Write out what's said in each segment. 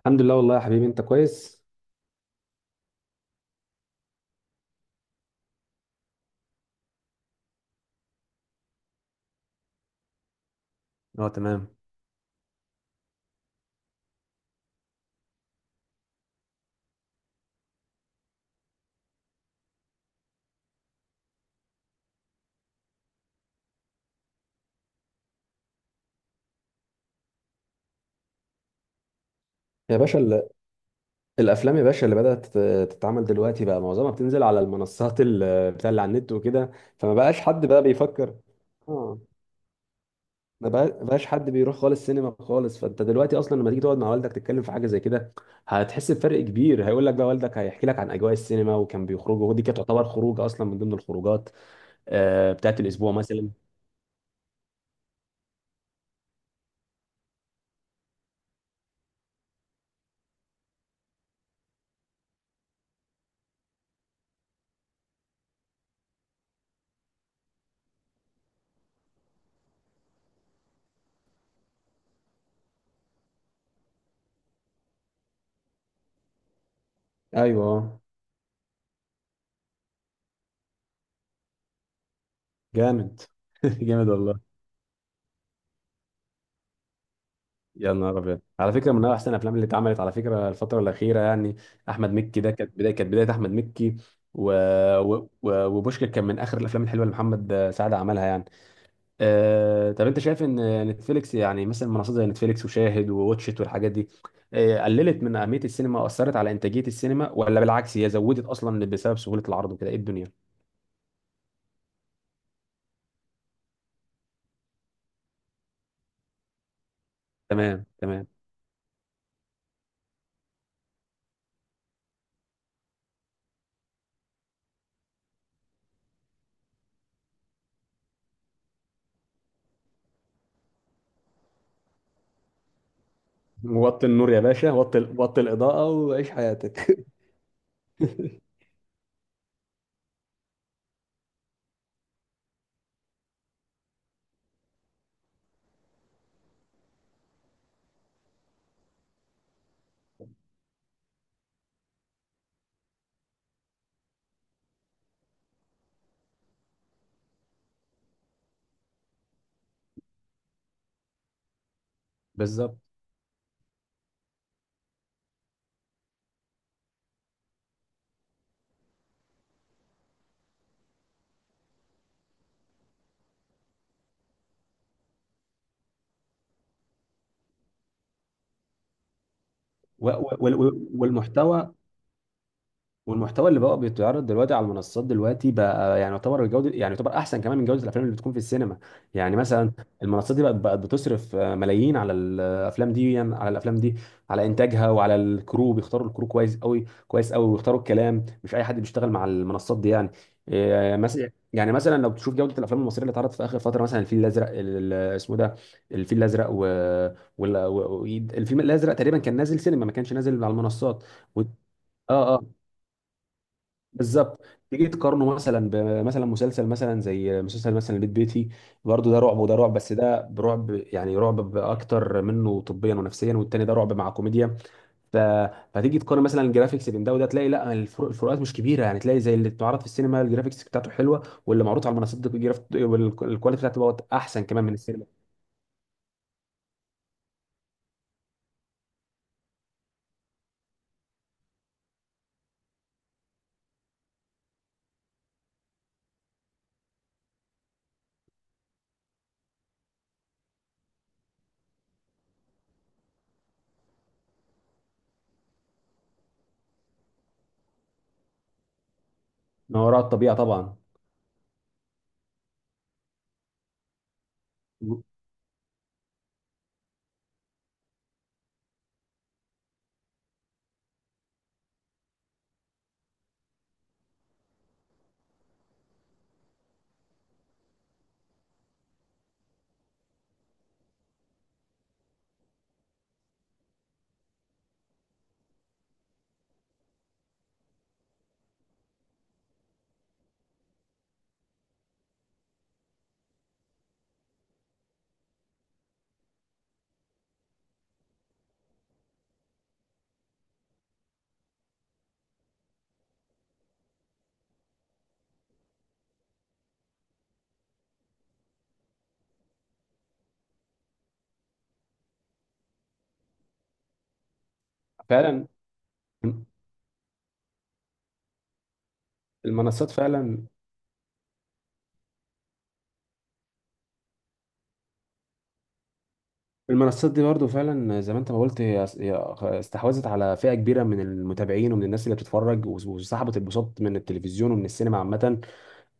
الحمد لله، والله يا حبيبي، انت كويس. اه، تمام. يا باشا ال- الافلام يا باشا اللي بدات تتعمل دلوقتي بقى معظمها بتنزل على المنصات بتاع اللي على النت وكده. فما بقاش حد بقى بيفكر. اه. ما بقى- بقاش حد بيروح خالص سينما خالص، فانت دلوقتي اصلا لما تيجي تقعد مع والدك تتكلم في حاجه زي كده، هتحس بفرق كبير. هيقول لك بقى والدك، هيحكي لك عن اجواء السينما وكان بيخرجوا، ودي كانت تعتبر خروجه اصلا من ضمن الخروجات بتاعت الاسبوع مثلا. ايوه. جامد. جامد والله. يا نهار ابيض، على فكره من احسن الافلام اللي اتعملت على فكره الفتره الاخيره يعني. احمد مكي ده كانت بدايه احمد مكي. و... وبوشكاش كان من اخر الافلام الحلوه اللي محمد سعد عملها يعني. طب انت شايف ان نتفليكس، يعني مثلا منصات زي نتفليكس وشاهد وواتشت والحاجات دي، قللت من اهميه السينما واثرت على انتاجيه السينما، ولا بالعكس هي زودت اصلا بسبب سهوله العرض وكده، ايه الدنيا؟ تمام، تمام. وطي النور يا باشا، وطي وطي الاضاءه، وعيش حياتك. بالظبط. والمحتوى والمحتوى اللي بقى بيتعرض دلوقتي على المنصات دلوقتي بقى، يعني يعتبر الجوده، يعني يعتبر احسن كمان من جوده الافلام اللي بتكون في السينما. يعني مثلا، المنصات دي بقت بتصرف ملايين على الافلام دي، يعني على الافلام دي، على انتاجها وعلى الكرو، بيختاروا الكرو كويس قوي كويس قوي، ويختاروا الكلام، مش اي حد بيشتغل مع المنصات دي يعني. مثلا يعني مثلا لو بتشوف جوده الافلام المصريه اللي اتعرضت في اخر فتره، مثلا الفيل الازرق اسمه ده، الفيل الازرق، و... وال- و... و... الفيلم الازرق تقريبا كان نازل سينما، ما كانش نازل على المنصات. و... اه، آه. بالظبط. تيجي تقارنه مثلا بمثلا مسلسل مثلا زي مسلسل مثلا بيت بيتي، برضه ده رعب وده رعب، بس ده برعب يعني رعب اكتر منه طبيا ونفسيا، والتاني ده رعب مع كوميديا. ف... فتيجي تقارن مثلا الجرافيكس بين ده وده، تلاقي لا، الفروق الفروقات مش كبيره يعني، تلاقي زي اللي بتعرض في السينما الجرافيكس بتاعته حلوه، واللي معروض على المنصات دي والكواليتي بتاعته بقت احسن كمان من السينما. ما وراء الطبيعه طبعا. فعلا. المنصات فعلا. المنصات دي برضو فعلا زي ما انت ما قلت، هي استحوذت على فئة كبيرة من المتابعين ومن الناس اللي بتتفرج، وسحبت البساط من التلفزيون ومن السينما عامة.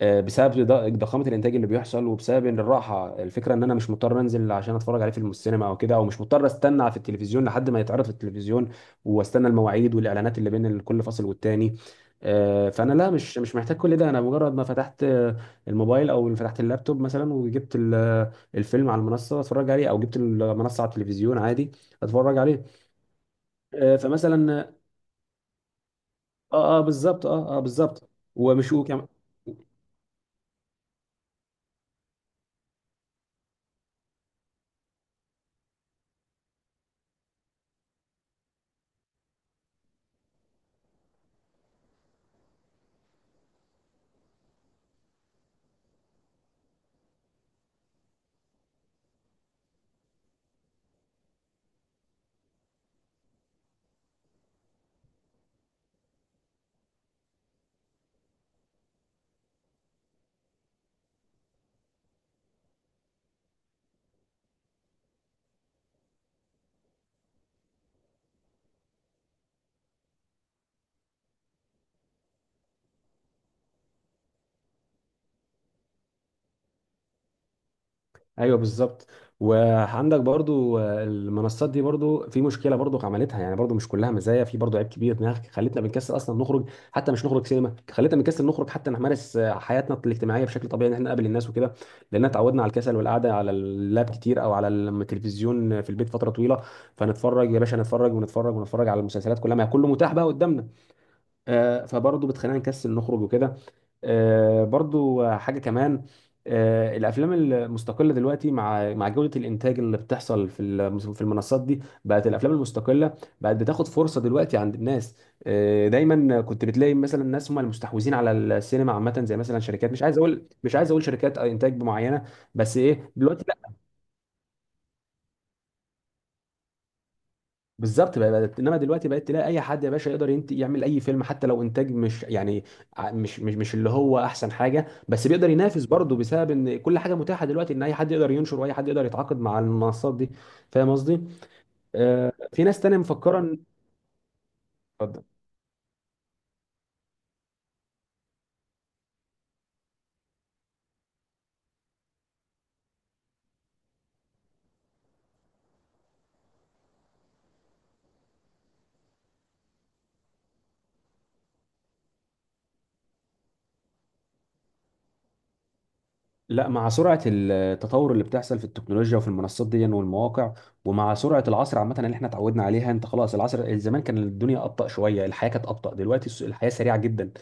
بسبب ضخامه الانتاج اللي بيحصل، وبسبب ان الراحه الفكره ان انا مش مضطر انزل عشان اتفرج عليه في السينما او كده، او مش مضطر استنى في التلفزيون لحد ما يتعرض في التلفزيون، واستنى المواعيد والاعلانات اللي بين كل فاصل والتاني. فانا لا، مش محتاج كل ده. انا مجرد ما فتحت الموبايل او فتحت اللابتوب مثلا، وجبت الفيلم على المنصه اتفرج عليه، او جبت المنصه على التلفزيون عادي اتفرج عليه. فمثلا اه، اه، بالظبط. اه، اه، بالظبط. ومش وكم- ايوه، بالظبط. وعندك برضو المنصات دي برضو في مشكله، برضو عملتها يعني، برضو مش كلها مزايا، في برضو عيب كبير انها خلتنا بنكسل اصلا نخرج، حتى مش نخرج سينما، خلتنا بنكسل نخرج حتى نمارس حياتنا الاجتماعيه بشكل طبيعي، ان احنا نقابل الناس وكده. لان اتعودنا على الكسل والقعده على اللاب كتير او على التلفزيون في البيت فتره طويله، فنتفرج يا باشا، نتفرج ونتفرج ونتفرج على المسلسلات كلها، ما هي كله متاح بقى قدامنا. فبرضه بتخلينا نكسل نخرج وكده. برضه حاجه كمان. الافلام المستقله دلوقتي مع جوده الانتاج اللي بتحصل في المنصات دي، بقت الافلام المستقله بقت بتاخد فرصه دلوقتي عند الناس. دايما كنت بتلاقي مثلا الناس هم المستحوذين على السينما عامه، زي مثلا شركات، مش عايز اقول شركات انتاج معينه. بس ايه دلوقتي، بالظبط. انما دلوقتي بقت تلاقي اي حد يا باشا يقدر يعمل اي فيلم، حتى لو انتاج مش يعني مش اللي هو احسن حاجه، بس بيقدر ينافس برضه، بسبب ان كل حاجه متاحه دلوقتي، ان اي حد يقدر ينشر، واي حد يقدر يتعاقد مع المنصات دي. فاهم قصدي؟ في ناس تانية مفكره ان اتفضل. لا، مع سرعة التطور اللي بتحصل في التكنولوجيا وفي المنصات دي والمواقع، ومع سرعة العصر عامة اللي احنا اتعودنا عليها، انت خلاص العصر زمان كان الدنيا أبطأ شوية، الحياة كانت أبطأ، دلوقتي الحياة سريعة جدا.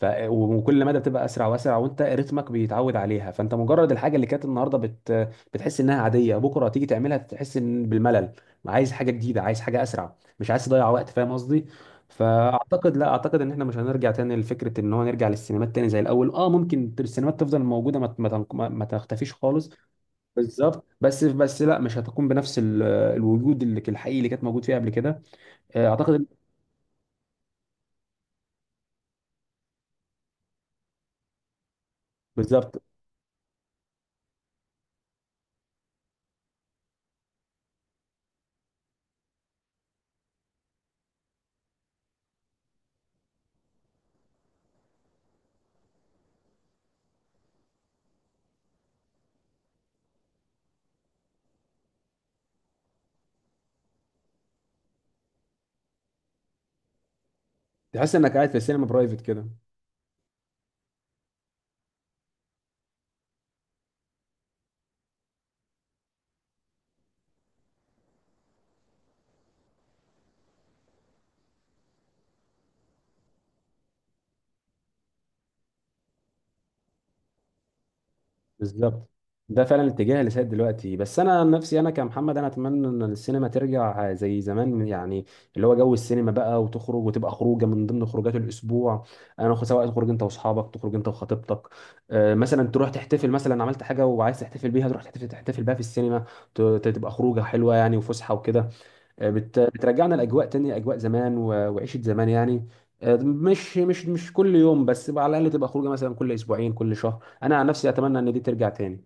وكل مدى بتبقى أسرع وأسرع، وانت رتمك بيتعود عليها، فانت مجرد الحاجة اللي كانت النهاردة بتحس انها عادية، بكرة تيجي تعملها تحس ان بالملل. عايز حاجة جديدة، عايز حاجة أسرع، مش عايز تضيع وقت، فاهم قصدي؟ فاعتقد لا اعتقد ان احنا مش هنرجع تاني لفكره ان هو نرجع للسينمات تاني زي الاول. اه، ممكن السينمات تفضل موجوده، ما ما تنق- ما- ما تختفيش خالص. بالظبط. بس لا، مش هتكون بنفس الوجود اللي الحقيقي اللي كانت موجود فيه قبل كده. اعتقد. بالظبط. تحس انك قاعد في السينما برايفت كده. بالظبط. ده فعلا الاتجاه اللي سائد دلوقتي، بس انا عن نفسي، انا كمحمد، انا اتمنى ان السينما ترجع زي زمان يعني، اللي هو جو السينما بقى، وتخرج وتبقى خروجه من ضمن خروجات الاسبوع. سواء تخرج انت واصحابك، تخرج انت وخطيبتك، مثلا تروح تحتفل، مثلا عملت حاجه وعايز تحتفل بيها، تروح تحتفل بيها في السينما، تبقى خروجه حلوه يعني، وفسحه وكده. بترجعنا لاجواء تانية، اجواء زمان وعيشه زمان يعني. مش كل يوم، بس على الاقل تبقى خروجه مثلا كل اسبوعين كل شهر، انا عن نفسي اتمنى ان دي ترجع تاني.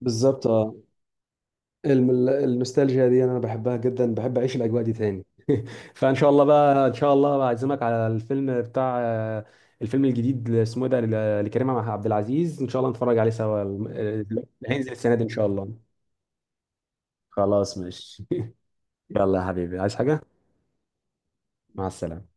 بالظبط. اه. النوستالجيا دي انا بحبها جدا، بحب اعيش الاجواء دي تاني. فان شاء الله بقى ان شاء الله، بعزمك على الفيلم بتاع الفيلم الجديد اللي اسمه إيه ده لكريم مع عبد العزيز، ان شاء الله نتفرج عليه سوا هينزل السنه دي ان شاء الله. خلاص، ماشي. يلا يا حبيبي، عايز حاجه؟ مع السلامه.